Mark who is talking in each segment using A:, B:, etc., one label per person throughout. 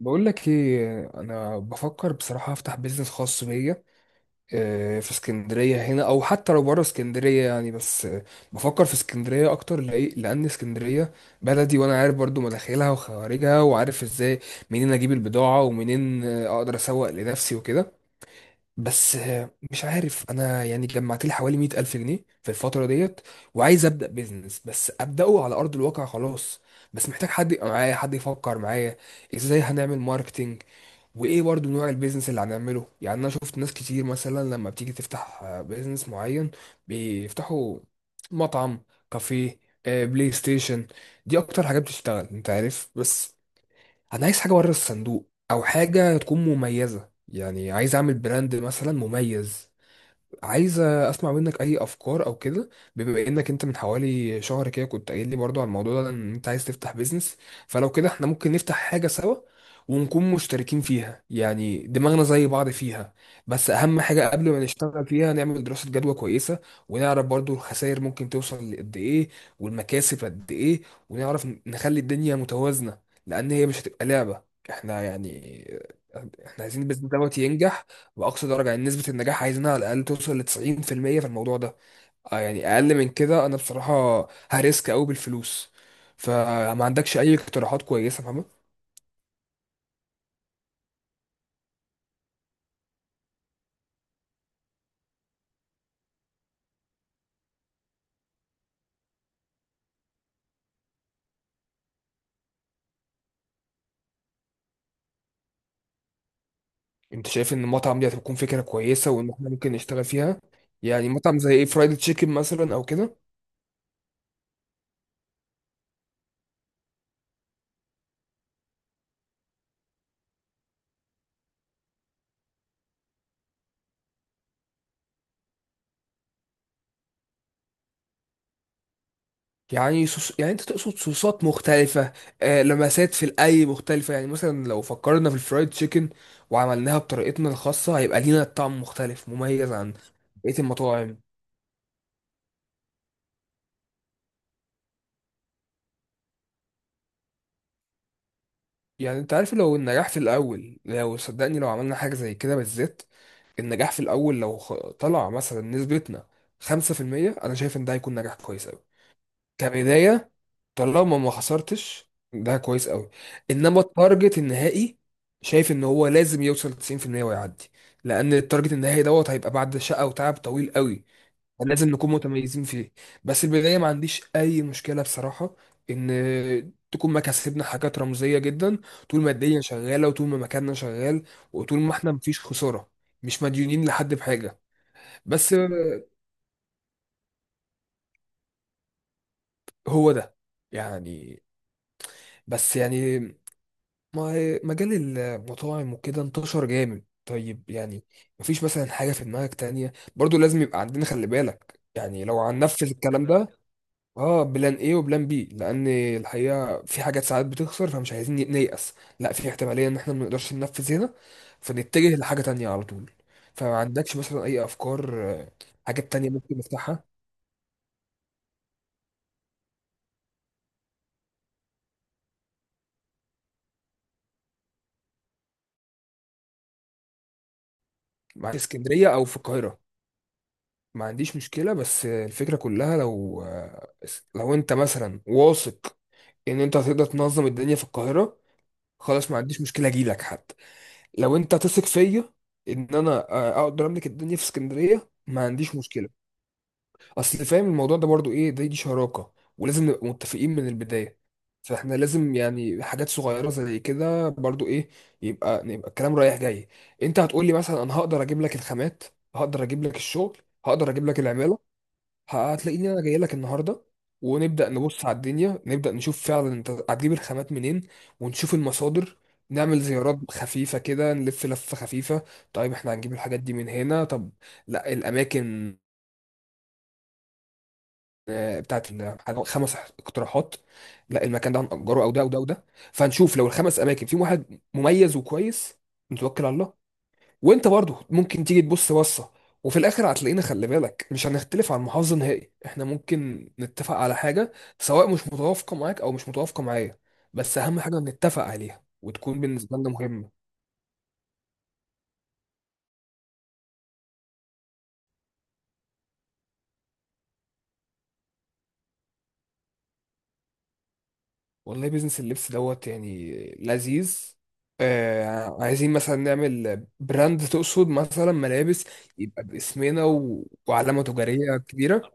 A: بقول لك ايه، انا بفكر بصراحه افتح بيزنس خاص بيا. في اسكندريه هنا او حتى لو بره اسكندريه يعني. بس آه، بفكر في اسكندريه اكتر لان اسكندريه بلدي، وانا عارف برضو مداخلها وخوارجها، وعارف ازاي منين اجيب البضاعه ومنين اقدر اسوق لنفسي وكده. بس آه، مش عارف انا يعني، جمعت لي حوالي 100000 ألف جنيه في الفتره ديت، وعايز ابدا بيزنس، بس ابداه على ارض الواقع خلاص. بس محتاج حد يبقى معايا، حد يفكر معايا ازاي هنعمل ماركتينج، وايه برضو نوع البيزنس اللي هنعمله. يعني انا شفت ناس كتير مثلا لما بتيجي تفتح بيزنس معين، بيفتحوا مطعم، كافيه، بلاي ستيشن. دي اكتر حاجات بتشتغل، انت عارف. بس انا عايز حاجه بره الصندوق، او حاجه تكون مميزه، يعني عايز اعمل براند مثلا مميز. عايز اسمع منك اي افكار او كده، بما انك انت من حوالي شهر كده كنت قايل لي برضو على الموضوع ده ان انت عايز تفتح بيزنس. فلو كده احنا ممكن نفتح حاجة سوا، ونكون مشتركين فيها، يعني دماغنا زي بعض فيها. بس اهم حاجة قبل ما نشتغل فيها نعمل دراسة جدوى كويسة، ونعرف برضو الخسائر ممكن توصل لقد ايه والمكاسب قد ايه، ونعرف نخلي الدنيا متوازنة، لان هي مش هتبقى لعبة احنا يعني. احنا عايزين البيزنس دوت ينجح بأقصى درجة، يعني نسبة النجاح عايزينها على الأقل توصل ل90% في الموضوع ده. آه، يعني أقل من كده أنا بصراحة هريسك أوي بالفلوس، فما عندكش أي اقتراحات كويسة فاهمة؟ أنت شايف إن المطعم دي هتكون فكرة كويسة وإن إحنا ممكن نشتغل فيها؟ يعني مطعم زي إيه، فرايد تشيكن مثلا أو كده؟ يعني صوص، يعني أنت تقصد صوصات مختلفة، آه، لمسات في الأي مختلفة. يعني مثلا لو فكرنا في الفرايد تشيكن وعملناها بطريقتنا الخاصة هيبقى لينا طعم مختلف مميز عن بقية المطاعم. يعني انت عارف لو النجاح في الاول، لو صدقني لو عملنا حاجة زي كده بالذات، النجاح في الاول لو طلع مثلا نسبتنا 5%، انا شايف ان ده هيكون نجاح كويس قوي كبداية. طالما ما خسرتش ده كويس قوي. انما التارجت النهائي شايف ان هو لازم يوصل 90% ويعدي، لان التارجت النهائي دوت هيبقى بعد شقة وتعب طويل قوي، لازم نكون متميزين فيه. بس البداية ما عنديش أي مشكلة بصراحة إن تكون مكاسبنا حاجات رمزية جدا، طول ما الدنيا شغالة وطول ما مكاننا شغال وطول ما إحنا مفيش خسارة، مش مديونين لحد بحاجة. بس هو ده يعني، بس يعني مجال المطاعم وكده انتشر جامد. طيب يعني مفيش مثلا حاجة في دماغك تانية برضو لازم يبقى عندنا؟ خلي بالك يعني لو هننفذ الكلام ده. اه، بلان ايه وبلان بي، لان الحقيقه في حاجات ساعات بتخسر، فمش عايزين نيأس. لا، في احتماليه ان احنا ما نقدرش ننفذ هنا، فنتجه لحاجه تانية على طول. فما عندكش مثلا اي افكار، حاجات تانية ممكن نفتحها؟ مع في اسكندريه او في القاهره ما عنديش مشكله، بس آه، الفكره كلها لو، لو انت مثلا واثق ان انت هتقدر تنظم الدنيا في القاهره، خلاص ما عنديش مشكله اجيلك حتى. لو انت تثق فيا ان انا اقدر املك الدنيا في اسكندريه ما عنديش مشكله. اصل فاهم الموضوع ده برضو ايه، دي شراكه ولازم نبقى متفقين من البدايه. فاحنا لازم يعني حاجات صغيره زي كده برضو، ايه، يبقى الكلام رايح جاي. انت هتقول لي مثلا انا هقدر اجيب لك الخامات، هقدر اجيب لك الشغل، هقدر اجيب لك العماله، هتلاقيني انا جاي لك النهارده. ونبدا نبص على الدنيا، نبدا نشوف فعلا انت هتجيب الخامات منين، ونشوف المصادر، نعمل زيارات خفيفة كده، نلف لفة خفيفة. طيب احنا هنجيب الحاجات دي من هنا؟ طب لا، الأماكن بتاعت إن خمس اقتراحات، لا المكان ده هنأجره او ده او ده او ده. فهنشوف لو الخمس اماكن فيهم واحد مميز وكويس نتوكل على الله. وانت برضه ممكن تيجي تبص بصه، وفي الاخر هتلاقينا خلي بالك مش هنختلف عن محافظه نهائي، احنا ممكن نتفق على حاجه سواء مش متوافقه معاك او مش متوافقه معايا. بس اهم حاجه نتفق عليها وتكون بالنسبه لنا مهمه. والله بيزنس اللبس دوت يعني لذيذ. آه، عايزين مثلا نعمل براند تقصد مثلا ملابس، يبقى باسمنا وعلامة تجارية كبيرة،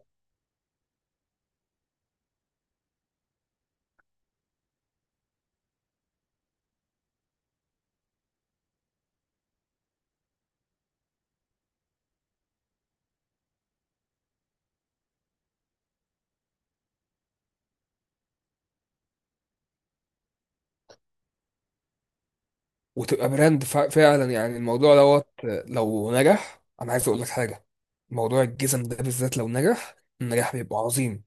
A: وتبقى براند فعلا. يعني الموضوع دوت، لو نجح أنا عايز أقول لك حاجة، موضوع الجزم ده بالذات لو نجح النجاح بيبقى عظيم،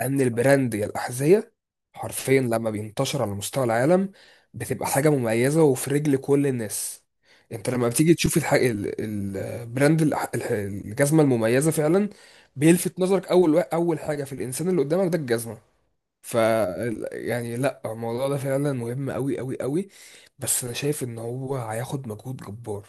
A: ان البراند يا الاحذيه حرفيا لما بينتشر على مستوى العالم بتبقى حاجه مميزه وفي رجل كل الناس. انت لما بتيجي تشوف البراند، الجزمه المميزه فعلا، بيلفت نظرك اول حاجه في الانسان اللي قدامك ده الجزمه. ف يعني لا الموضوع ده فعلا مهم قوي قوي قوي، بس انا شايف ان هو هياخد مجهود جبار.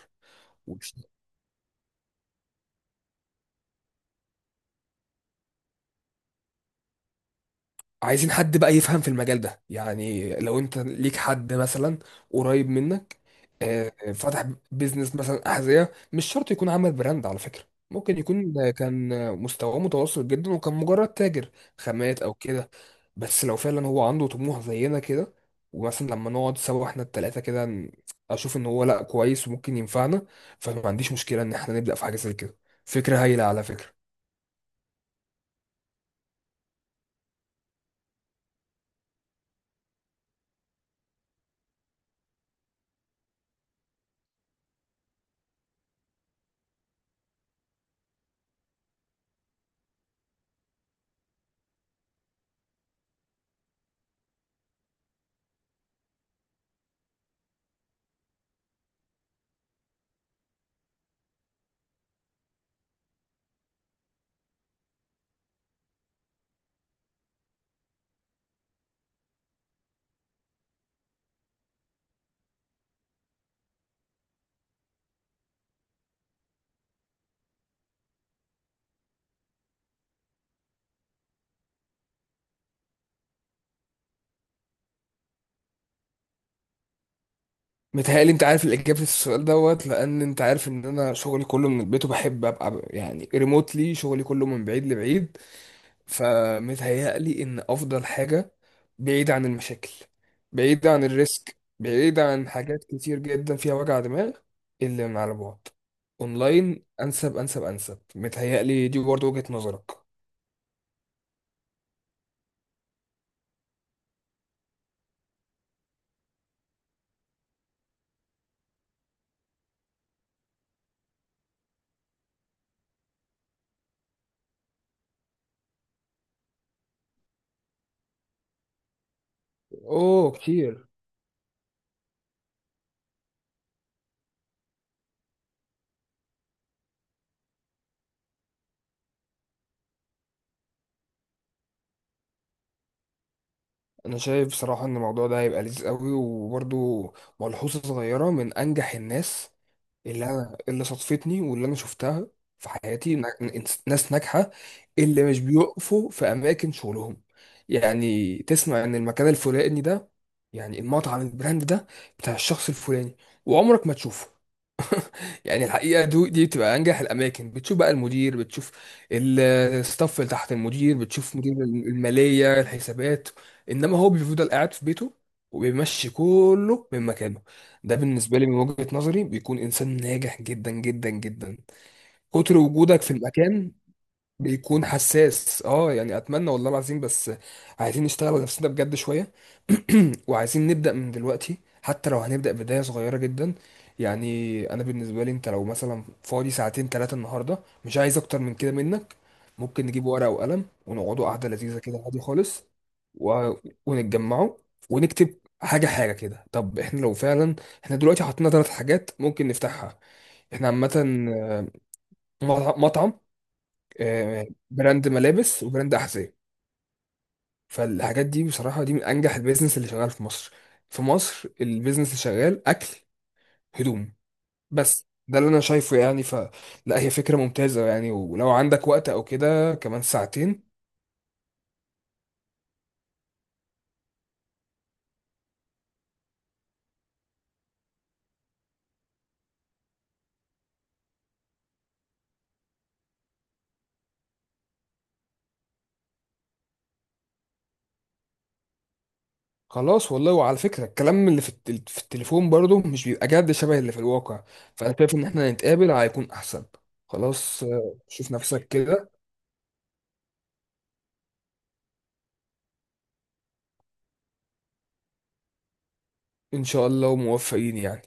A: عايزين حد بقى يفهم في المجال ده، يعني لو انت ليك حد مثلا قريب منك فتح بيزنس مثلا أحذية، مش شرط يكون عمل براند على فكرة، ممكن يكون كان مستواه متوسط جدا وكان مجرد تاجر خامات او كده. بس لو فعلا هو عنده طموح زينا كده، ومثلا لما نقعد سوا احنا التلاتة كده اشوف ان هو لا كويس وممكن ينفعنا، فما عنديش مشكلة ان احنا نبدأ في حاجة زي كده. فكرة هايلة على فكرة. متهيألي انت عارف الإجابة في السؤال دوت، لأن انت عارف ان انا شغلي كله من البيت، وبحب ابقى يعني ريموتلي شغلي كله من بعيد لبعيد. فمتهيألي ان افضل حاجة بعيد عن المشاكل، بعيد عن الريسك، بعيد عن حاجات كتير جدا فيها وجع دماغ، اللي من على بعد. اونلاين انسب انسب انسب متهيألي، دي برضه وجهة نظرك. اوه كتير. انا شايف بصراحه ان الموضوع ده هيبقى لذيذ قوي. وبرضو ملحوظه صغيره، من انجح الناس اللي انا اللي صادفتني واللي انا شفتها في حياتي، ناس ناجحه، اللي مش بيقفوا في اماكن شغلهم. يعني تسمع ان المكان الفلاني ده، يعني المطعم البراند ده، بتاع الشخص الفلاني، وعمرك ما تشوفه. يعني الحقيقه دي بتبقى انجح الاماكن. بتشوف بقى المدير، بتشوف ال- الستاف اللي تحت المدير، بتشوف مدير الماليه الحسابات، انما هو بيفضل قاعد في بيته وبيمشي كله من مكانه. ده بالنسبه لي من وجهه نظري بيكون انسان ناجح جدا جدا جدا. كتر وجودك في المكان بيكون حساس. اه يعني اتمنى والله العظيم، بس عايزين نشتغل على نفسنا بجد شويه. وعايزين نبدا من دلوقتي، حتى لو هنبدا بدايه صغيره جدا. يعني انا بالنسبه لي انت لو مثلا فاضي ساعتين ثلاثه النهارده، مش عايز اكتر من كده منك، ممكن نجيب ورقه وقلم ونقعدوا قعده لذيذه كده عادي خالص، و... ونتجمعوا ونكتب حاجه حاجه كده. طب احنا لو فعلا، احنا دلوقتي حطينا ثلاث حاجات ممكن نفتحها. احنا عامه مطعم، براند ملابس وبراند احذيه. فالحاجات دي بصراحه دي من انجح البيزنس اللي شغال في مصر. في مصر البيزنس اللي شغال اكل، هدوم. بس ده اللي انا شايفه يعني. فلا، هي فكره ممتازه يعني. ولو عندك وقت او كده كمان ساعتين، خلاص والله. وعلى فكره الكلام اللي في التليفون برضه مش بيبقى جد شبه اللي في الواقع. فانا شايف ان احنا نتقابل هيكون احسن. خلاص، شوف نفسك كده. ان شاء الله وموفقين يعني.